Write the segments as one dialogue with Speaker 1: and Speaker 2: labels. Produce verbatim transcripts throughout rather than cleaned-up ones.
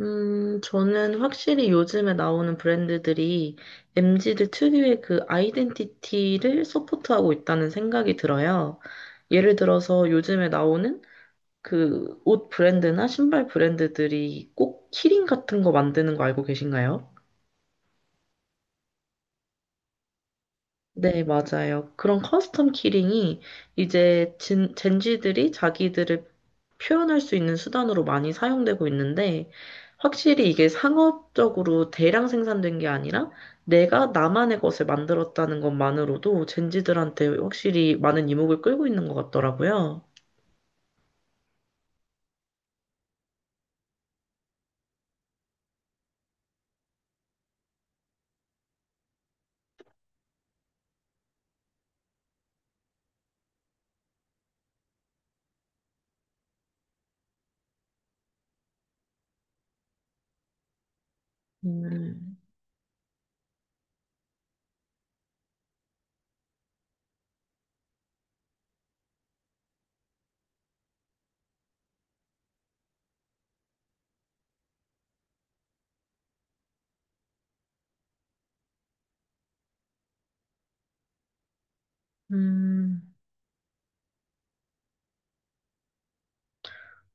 Speaker 1: 음, 저는 확실히 요즘에 나오는 브랜드들이 엠지들 특유의 그 아이덴티티를 서포트하고 있다는 생각이 들어요. 예를 들어서 요즘에 나오는 그 옷 브랜드나 신발 브랜드들이 꼭 키링 같은 거 만드는 거 알고 계신가요? 네, 맞아요. 그런 커스텀 키링이 이제 진, 젠지들이 자기들을 표현할 수 있는 수단으로 많이 사용되고 있는데, 확실히 이게 상업적으로 대량 생산된 게 아니라 내가 나만의 것을 만들었다는 것만으로도 젠지들한테 확실히 많은 이목을 끌고 있는 것 같더라고요. 음. 음,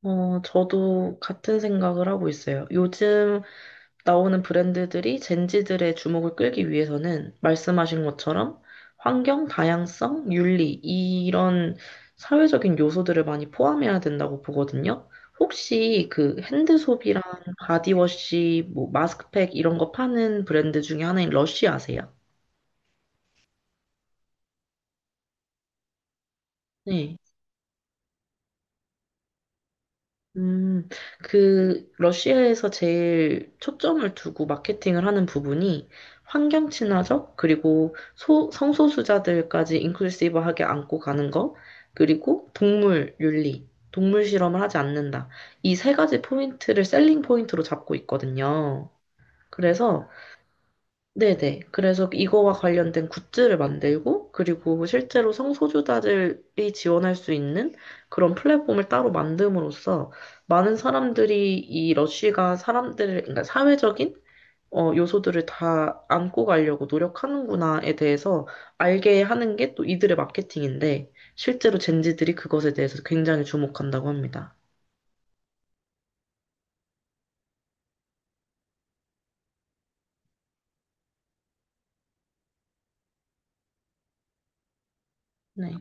Speaker 1: 어, 저도 같은 생각을 하고 있어요. 요즘 나오는 브랜드들이 젠지들의 주목을 끌기 위해서는 말씀하신 것처럼 환경, 다양성, 윤리, 이런 사회적인 요소들을 많이 포함해야 된다고 보거든요. 혹시 그 핸드 소비랑 바디워시, 뭐 마스크팩 이런 거 파는 브랜드 중에 하나인 러쉬 아세요? 네. 음, 그, 러시아에서 제일 초점을 두고 마케팅을 하는 부분이 환경 친화적, 그리고 소, 성소수자들까지 인클루시브하게 안고 가는 거, 그리고 동물 윤리, 동물 실험을 하지 않는다. 이 세 가지 포인트를 셀링 포인트로 잡고 있거든요. 그래서 네네. 그래서 이거와 관련된 굿즈를 만들고, 그리고 실제로 성소수자들이 지원할 수 있는 그런 플랫폼을 따로 만듦으로써 많은 사람들이 이 러쉬가 사람들을, 그러니까 사회적인 어, 요소들을 다 안고 가려고 노력하는구나에 대해서 알게 하는 게 또 이들의 마케팅인데, 실제로 젠지들이 그것에 대해서 굉장히 주목한다고 합니다. 네.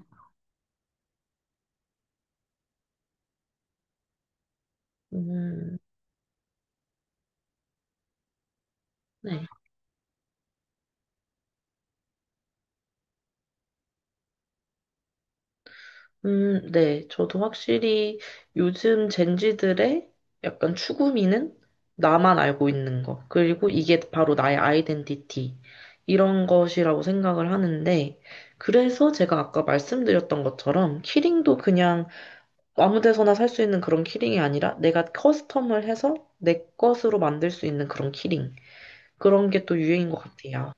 Speaker 1: 음. 네. 음, 네. 저도 확실히 요즘 젠지들의 약간 추구미는 나만 알고 있는 것, 그리고 이게 바로 나의 아이덴티티, 이런 것이라고 생각을 하는데, 그래서 제가 아까 말씀드렸던 것처럼, 키링도 그냥 아무 데서나 살 수 있는 그런 키링이 아니라, 내가 커스텀을 해서 내 것으로 만들 수 있는 그런 키링. 그런 게 또 유행인 것 같아요.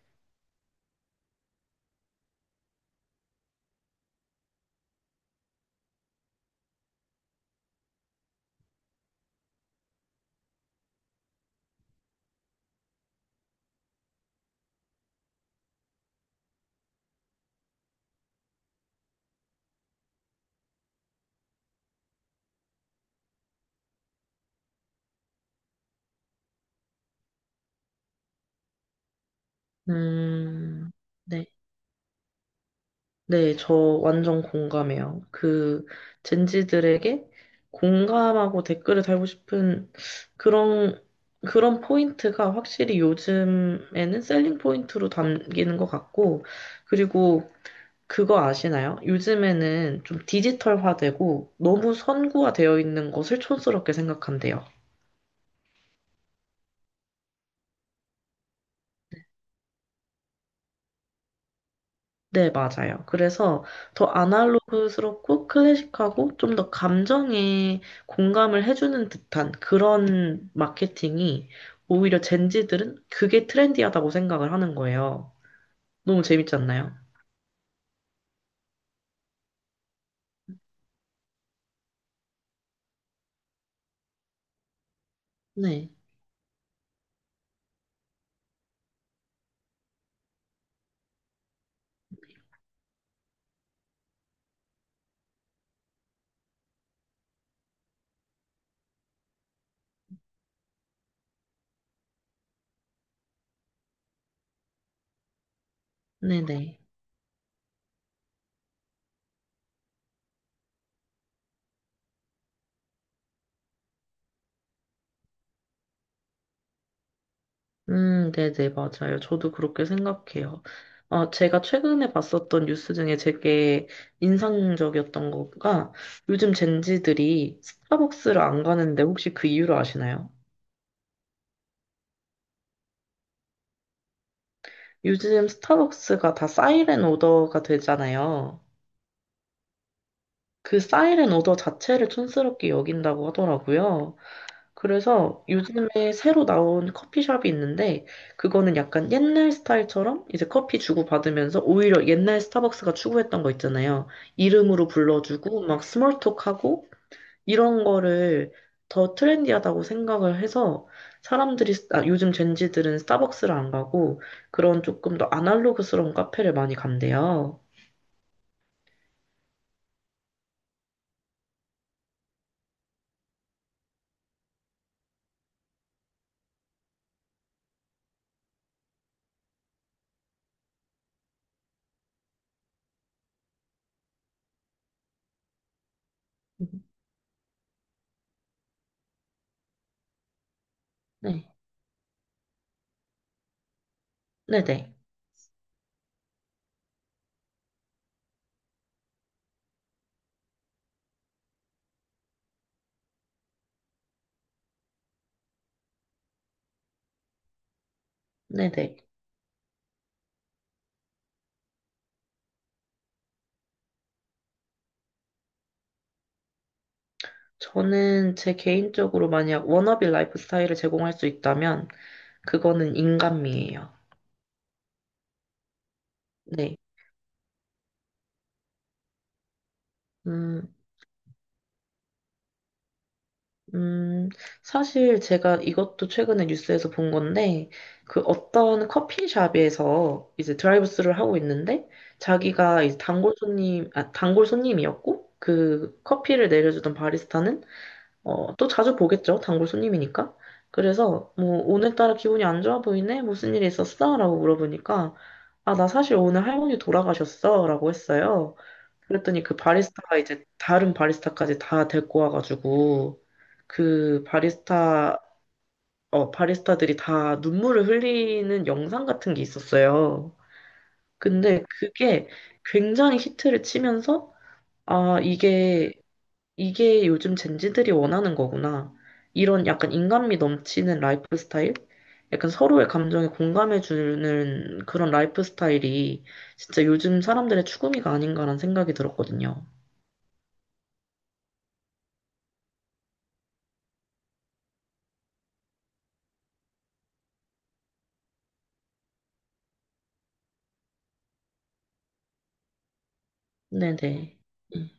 Speaker 1: 음, 네. 네, 저 완전 공감해요. 그 젠지들에게 공감하고 댓글을 달고 싶은 그런 그런 포인트가 확실히 요즘에는 셀링 포인트로 담기는 것 같고, 그리고 그거 아시나요? 요즘에는 좀 디지털화되고 너무 선구화되어 있는 것을 촌스럽게 생각한대요. 네, 맞아요. 그래서 더 아날로그스럽고 클래식하고 좀 더 감정에 공감을 해주는 듯한 그런 마케팅이 오히려 젠지들은 그게 트렌디하다고 생각을 하는 거예요. 너무 재밌지 않나요? 네, 네네. 음, 네네, 맞아요. 저도 그렇게 생각해요. 어, 제가 최근에 봤었던 뉴스 중에 되게 인상적이었던 거가 요즘 젠지들이 스타벅스를 안 가는데 혹시 그 이유를 아시나요? 요즘 스타벅스가 다 사이렌 오더가 되잖아요. 그 사이렌 오더 자체를 촌스럽게 여긴다고 하더라고요. 그래서 요즘에 새로 나온 커피숍이 있는데, 그거는 약간 옛날 스타일처럼 이제 커피 주고받으면서 오히려 옛날 스타벅스가 추구했던 거 있잖아요. 이름으로 불러주고, 막 스몰톡하고, 이런 거를 더 트렌디하다고 생각을 해서 사람들이 아, 요즘 젠지들은 스타벅스를 안 가고 그런 조금 더 아날로그스러운 카페를 많이 간대요. 음. 네, 네네, 네네. 저는 제 개인적으로 만약 워너비 라이프 스타일을 제공할 수 있다면 그거는 인간미예요. 네. 음, 음, 사실 제가 이것도 최근에 뉴스에서 본 건데, 그 어떤 커피숍에서 이제 드라이브스루를 하고 있는데, 자기가 이제 단골 손님, 아, 단골 손님이었고, 그 커피를 내려주던 바리스타는, 어, 또 자주 보겠죠. 단골 손님이니까. 그래서, 뭐, 오늘따라 기분이 안 좋아 보이네? 무슨 일이 있었어? 라고 물어보니까, 아, 나 사실 오늘 할머니 돌아가셨어. 라고 했어요. 그랬더니 그 바리스타가 이제 다른 바리스타까지 다 데리고 와가지고 그 바리스타 어 바리스타들이 다 눈물을 흘리는 영상 같은 게 있었어요. 근데 그게 굉장히 히트를 치면서 아 이게 이게 요즘 젠지들이 원하는 거구나. 이런 약간 인간미 넘치는 라이프 스타일? 약간 서로의 감정에 공감해 주는 그런 라이프 스타일이 진짜 요즘 사람들의 추구미가 아닌가라는 생각이 들었거든요. 네네. 음.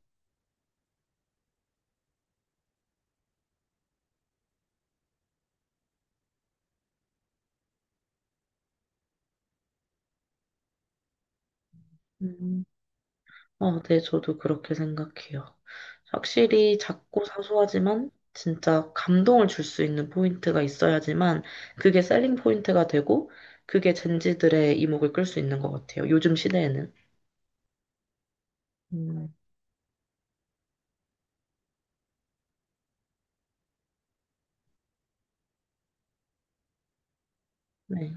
Speaker 1: 음. 어, 네, 저도 그렇게 생각해요. 확실히 작고 사소하지만 진짜 감동을 줄 수 있는 포인트가 있어야지만 그게 셀링 포인트가 되고 그게 젠지들의 이목을 끌 수 있는 것 같아요. 요즘 시대에는. 음, 네.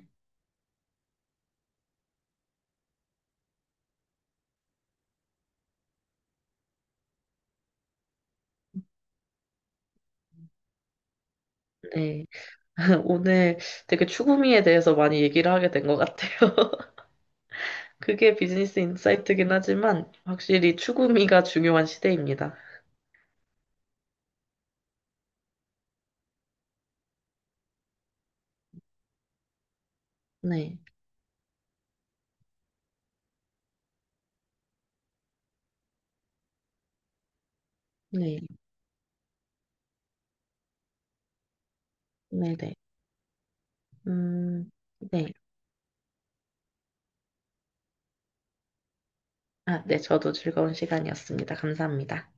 Speaker 1: 네. 오늘 되게 추구미에 대해서 많이 얘기를 하게 된 것 같아요. 그게 비즈니스 인사이트긴 하지만 확실히 추구미가 중요한 시대입니다. 네. 네. 네네. 음, 네. 아, 네, 저도 즐거운 시간이었습니다. 감사합니다.